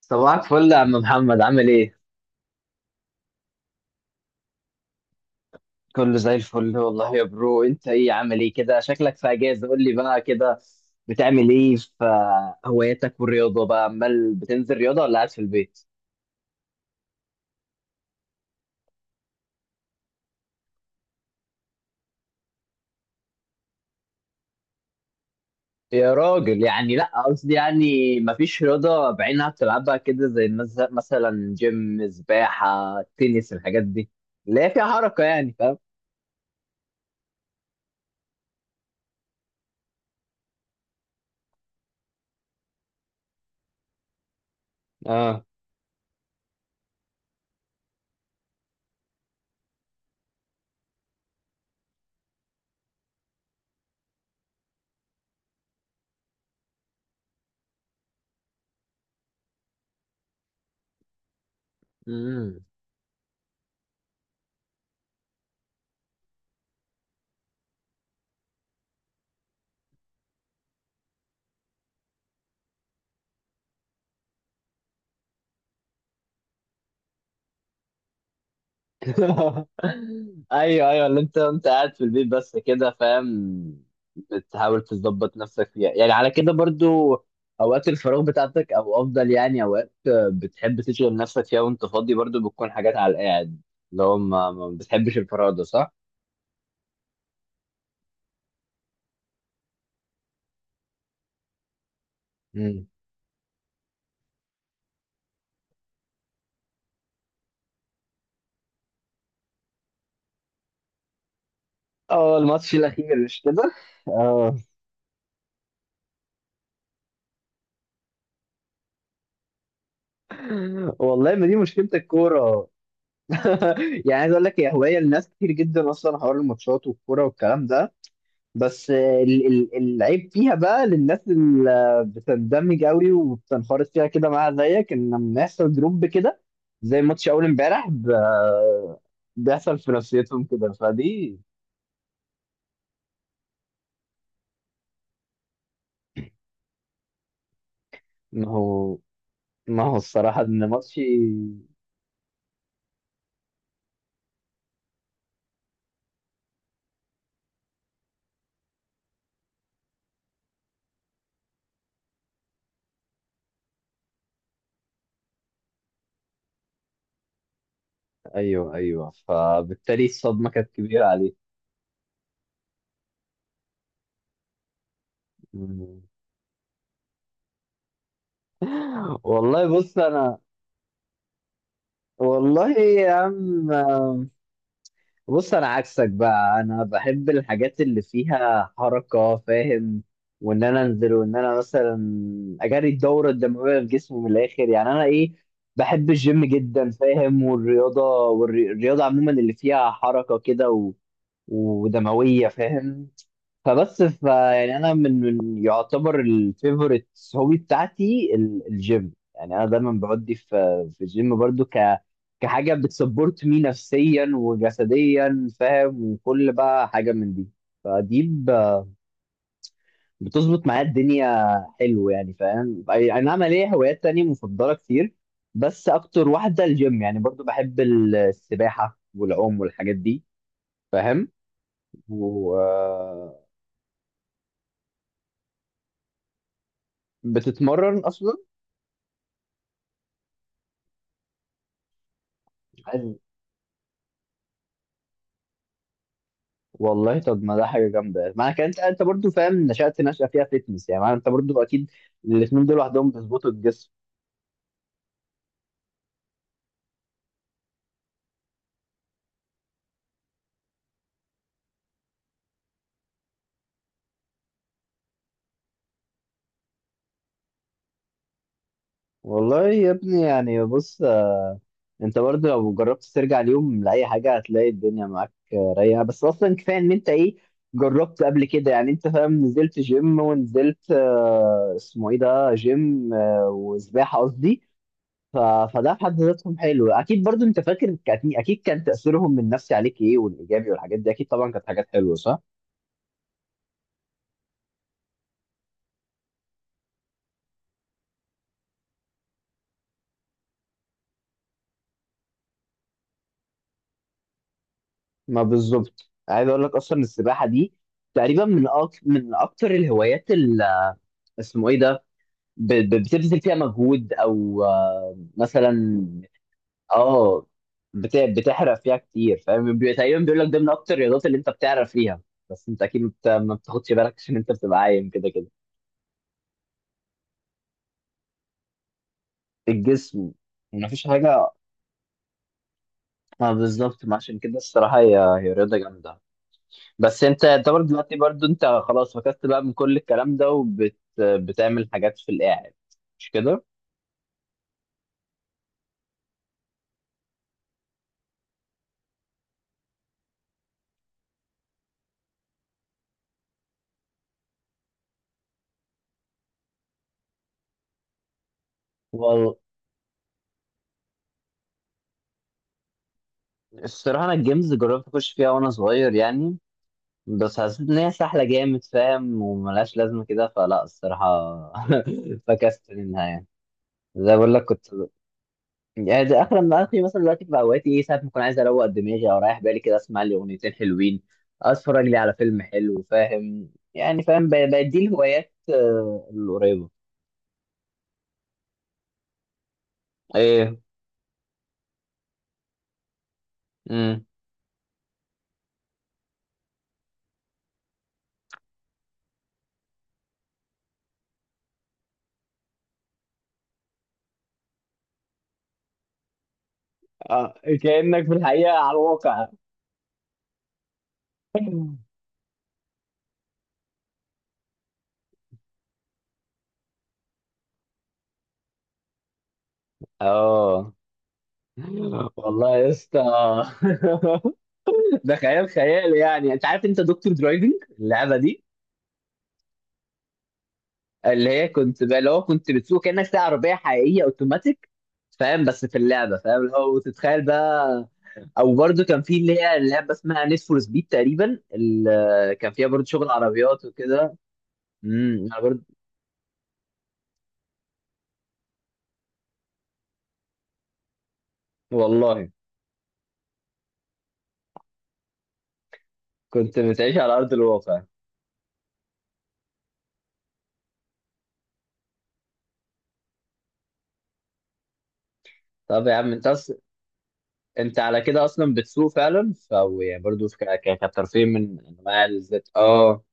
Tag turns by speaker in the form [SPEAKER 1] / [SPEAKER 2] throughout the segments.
[SPEAKER 1] صباحك فل يا عم محمد، عامل ايه؟ كله زي الفل والله يا برو. انت ايه، عامل ايه كده؟ شكلك في اجازة. قول لي بقى كده، بتعمل ايه في هواياتك والرياضة بقى؟ عمال بتنزل رياضة ولا قاعد في البيت؟ يا راجل، يعني لا قصدي، يعني مفيش رياضة بعينها بتلعبها كده، زي مثلا جيم، سباحة، تنس، الحاجات دي اللي هي فيها حركة، يعني فاهم؟ اه. ايوه ايوه، اللي انت قاعد في البيت بس كده، فاهم. بتحاول تظبط نفسك فيها يعني على كده، برضو اوقات الفراغ بتاعتك، او افضل يعني اوقات بتحب تشغل نفسك فيها وانت فاضي، برضو بتكون حاجات على القاعد، اللي هو ما بتحبش الفراغ ده، صح؟ مم. اه، الماتش الاخير، مش كده؟ اه، والله ما دي مشكله الكوره. يعني عايز اقول لك، هي هوايه لناس كتير جدا اصلا، حوار الماتشات والكوره والكلام ده، بس العيب فيها بقى للناس اللي بتندمج قوي وبتنخرط فيها كده معاها زيك، ان لما يحصل دروب كده، زي ماتش اول امبارح، بيحصل في نفسيتهم كده، فدي. ما هو ما هو الصراحة ان ماتشي، ايوه ايوه، فبالتالي الصدمة كانت كبيرة عليه. والله بص انا والله يا عم، بص انا عكسك بقى، انا بحب الحاجات اللي فيها حركه، فاهم، وان انا انزل وان انا مثلا اجري الدوره الدمويه في جسمي من الاخر، يعني انا ايه، بحب الجيم جدا، فاهم، والرياضه، عموما اللي فيها حركه كده و... ودمويه فاهم. فبس، ف يعني انا من يعتبر الفيفوريت هوبي بتاعتي الجيم، يعني انا دايما بودي في الجيم، برضو ك كحاجه بتسبورت مي نفسيا وجسديا، فاهم، وكل بقى حاجه من دي، فدي ب- بتظبط معايا الدنيا، حلو يعني، فاهم. أي نعم، ليا هوايات تانية مفضله كتير، بس اكتر واحده الجيم يعني. برضو بحب السباحه والعوم والحاجات دي، فاهم، و بتتمرن اصلا. والله طب ما ده حاجه جامده، ما انا انت برضو فاهم، نشأت نشأة فيها فيتنس، يعني ما انت برضو اكيد الاثنين دول لوحدهم بيظبطوا الجسم. والله يا ابني، يعني بص، انت برضو لو جربت ترجع اليوم لاي حاجه، هتلاقي الدنيا معاك رايقه. بس اصلا كفايه ان انت ايه، جربت قبل كده، يعني انت فاهم، نزلت جيم ونزلت اسمه ايه ده جيم، وسباحه قصدي. ف- فده في حد ذاتهم حلو، اكيد. برضو انت فاكر، اكيد أكيد كان تاثيرهم النفسي عليك ايه، والايجابي والحاجات دي، اكيد طبعا كانت حاجات حلوه، صح؟ ما بالظبط، عايز اقول لك اصلا السباحه دي تقريبا من من اكتر الهوايات اللي اسمه ايه ده، بتبذل فيها مجهود، او مثلا، اه بتحرق فيها كتير، فاهم. تقريبا بيقول لك ده من اكتر الرياضات اللي انت بتعرف فيها، بس انت اكيد ما بتاخدش بالك عشان انت بتبقى عايم كده كده الجسم، ما فيش حاجه. ما بالظبط، ما عشان كده الصراحه هي رياضه جامده. بس انت يعتبر دلوقتي برضو انت خلاص فكست بقى من كل الكلام ده، وبتعمل حاجات في القاعد، مش كده؟ والله الصراحة أنا الجيمز جربت أخش فيها وأنا صغير يعني، بس حسيت إن هي سهلة جامد، فاهم، وملهاش لازمة كده، فلا الصراحة فكست منها يعني. زي بقول لك كنت، يعني ده آخر ما آخري، مثلا دلوقتي في أوقاتي، إيه، ساعات ما أكون عايز أروق دماغي أو رايح بالي كده، أسمع لي أغنيتين حلوين، أتفرج لي على فيلم حلو، فاهم يعني، فاهم، بدي الهوايات القريبة. إيه، امم آه، كأنك في الحقيقة على الواقع. اه، والله يا اسطى. ده خيال، خيال يعني. انت عارف، انت دكتور درايفنج اللعبه دي، اللي هي كنت بقى، اللي هو كنت بتسوق كانك سايق عربيه حقيقيه اوتوماتيك، فاهم، بس في اللعبه، فاهم، اللي هو، وتتخيل بقى. او برده كان في اللي هي اللعبه اسمها نيد فور سبيد، تقريبا كان فيها برده شغل عربيات وكده. امم، انا برده. والله كنت بتعيش على ارض الواقع. طب يا عم انت، انت على كده اصلا بتسوق فعلا، ف أو يعني برضه كترفيه من انواع الذات، اه.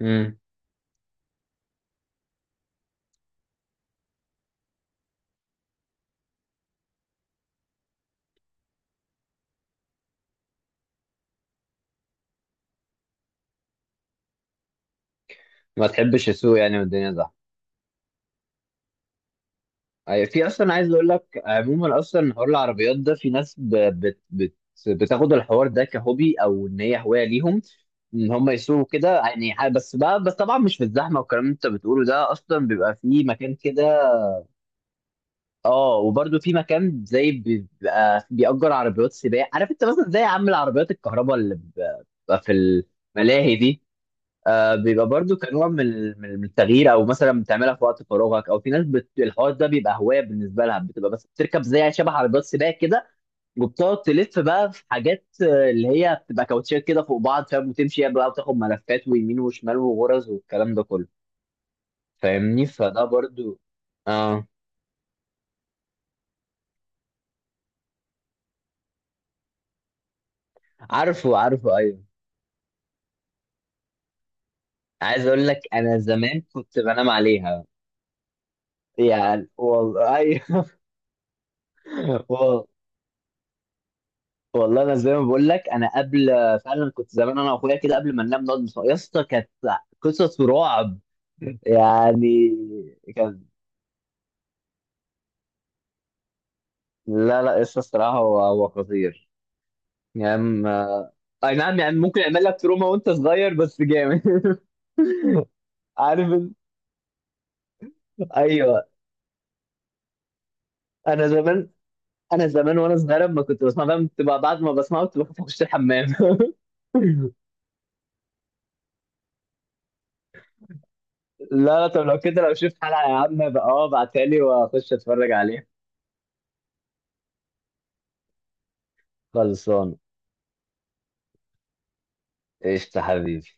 [SPEAKER 1] امم، ما تحبش السوق يعني والدنيا زحمه. في اصلا عايز اقول لك، عموما اصلا حوار العربيات ده في ناس بتاخد الحوار ده كهوبي، او ان هي هوايه ليهم، ان هم يسوقوا كده، يعني بس بقى، بس طبعا مش في الزحمه والكلام اللي انت بتقوله ده، اصلا بيبقى في مكان كده. اه، وبرده في مكان زي بيبقى بيأجر عربيات سباق، عارف انت، مثلا زي يا عم العربيات الكهرباء اللي بتبقى في الملاهي دي. بيبقى برضو كنوع من من التغيير، او مثلا بتعملها في وقت فراغك، او في ناس الحوار ده بيبقى هوايه بالنسبه لها، بتبقى بس بتركب زي شبه عربيات سباق كده، وبتقعد تلف بقى في حاجات اللي هي بتبقى كاوتشات كده فوق بعض، فاهم، وتمشي بقى وتاخد ملفات ويمين وشمال وغرز والكلام ده كله، فاهمني، فده برضو. اه، عارفه عارفه، ايوه. عايز اقول لك، انا زمان كنت بنام عليها، يعني والله. وال- والله انا زي ما بقول لك، انا قبل فعلا كنت زمان، انا واخويا كده قبل ما ننام نقعد يا اسطى كانت قصص رعب يعني، كان... لا لا، قصة الصراحة هو خطير، يعني اي نعم، يعني ممكن يعمل لك تروما وانت صغير، بس جامد. عارف انت؟ ايوه انا زمان، وانا صغير لما كنت بسمع، فاهم، تبقى بعد ما بسمعه كنت بخاف اخش الحمام. لا لا، طب لو كده، لو شفت حلقة يا عم بقى، اه ابعتها لي واخش اتفرج عليها. خلصان. قشطة حبيبي.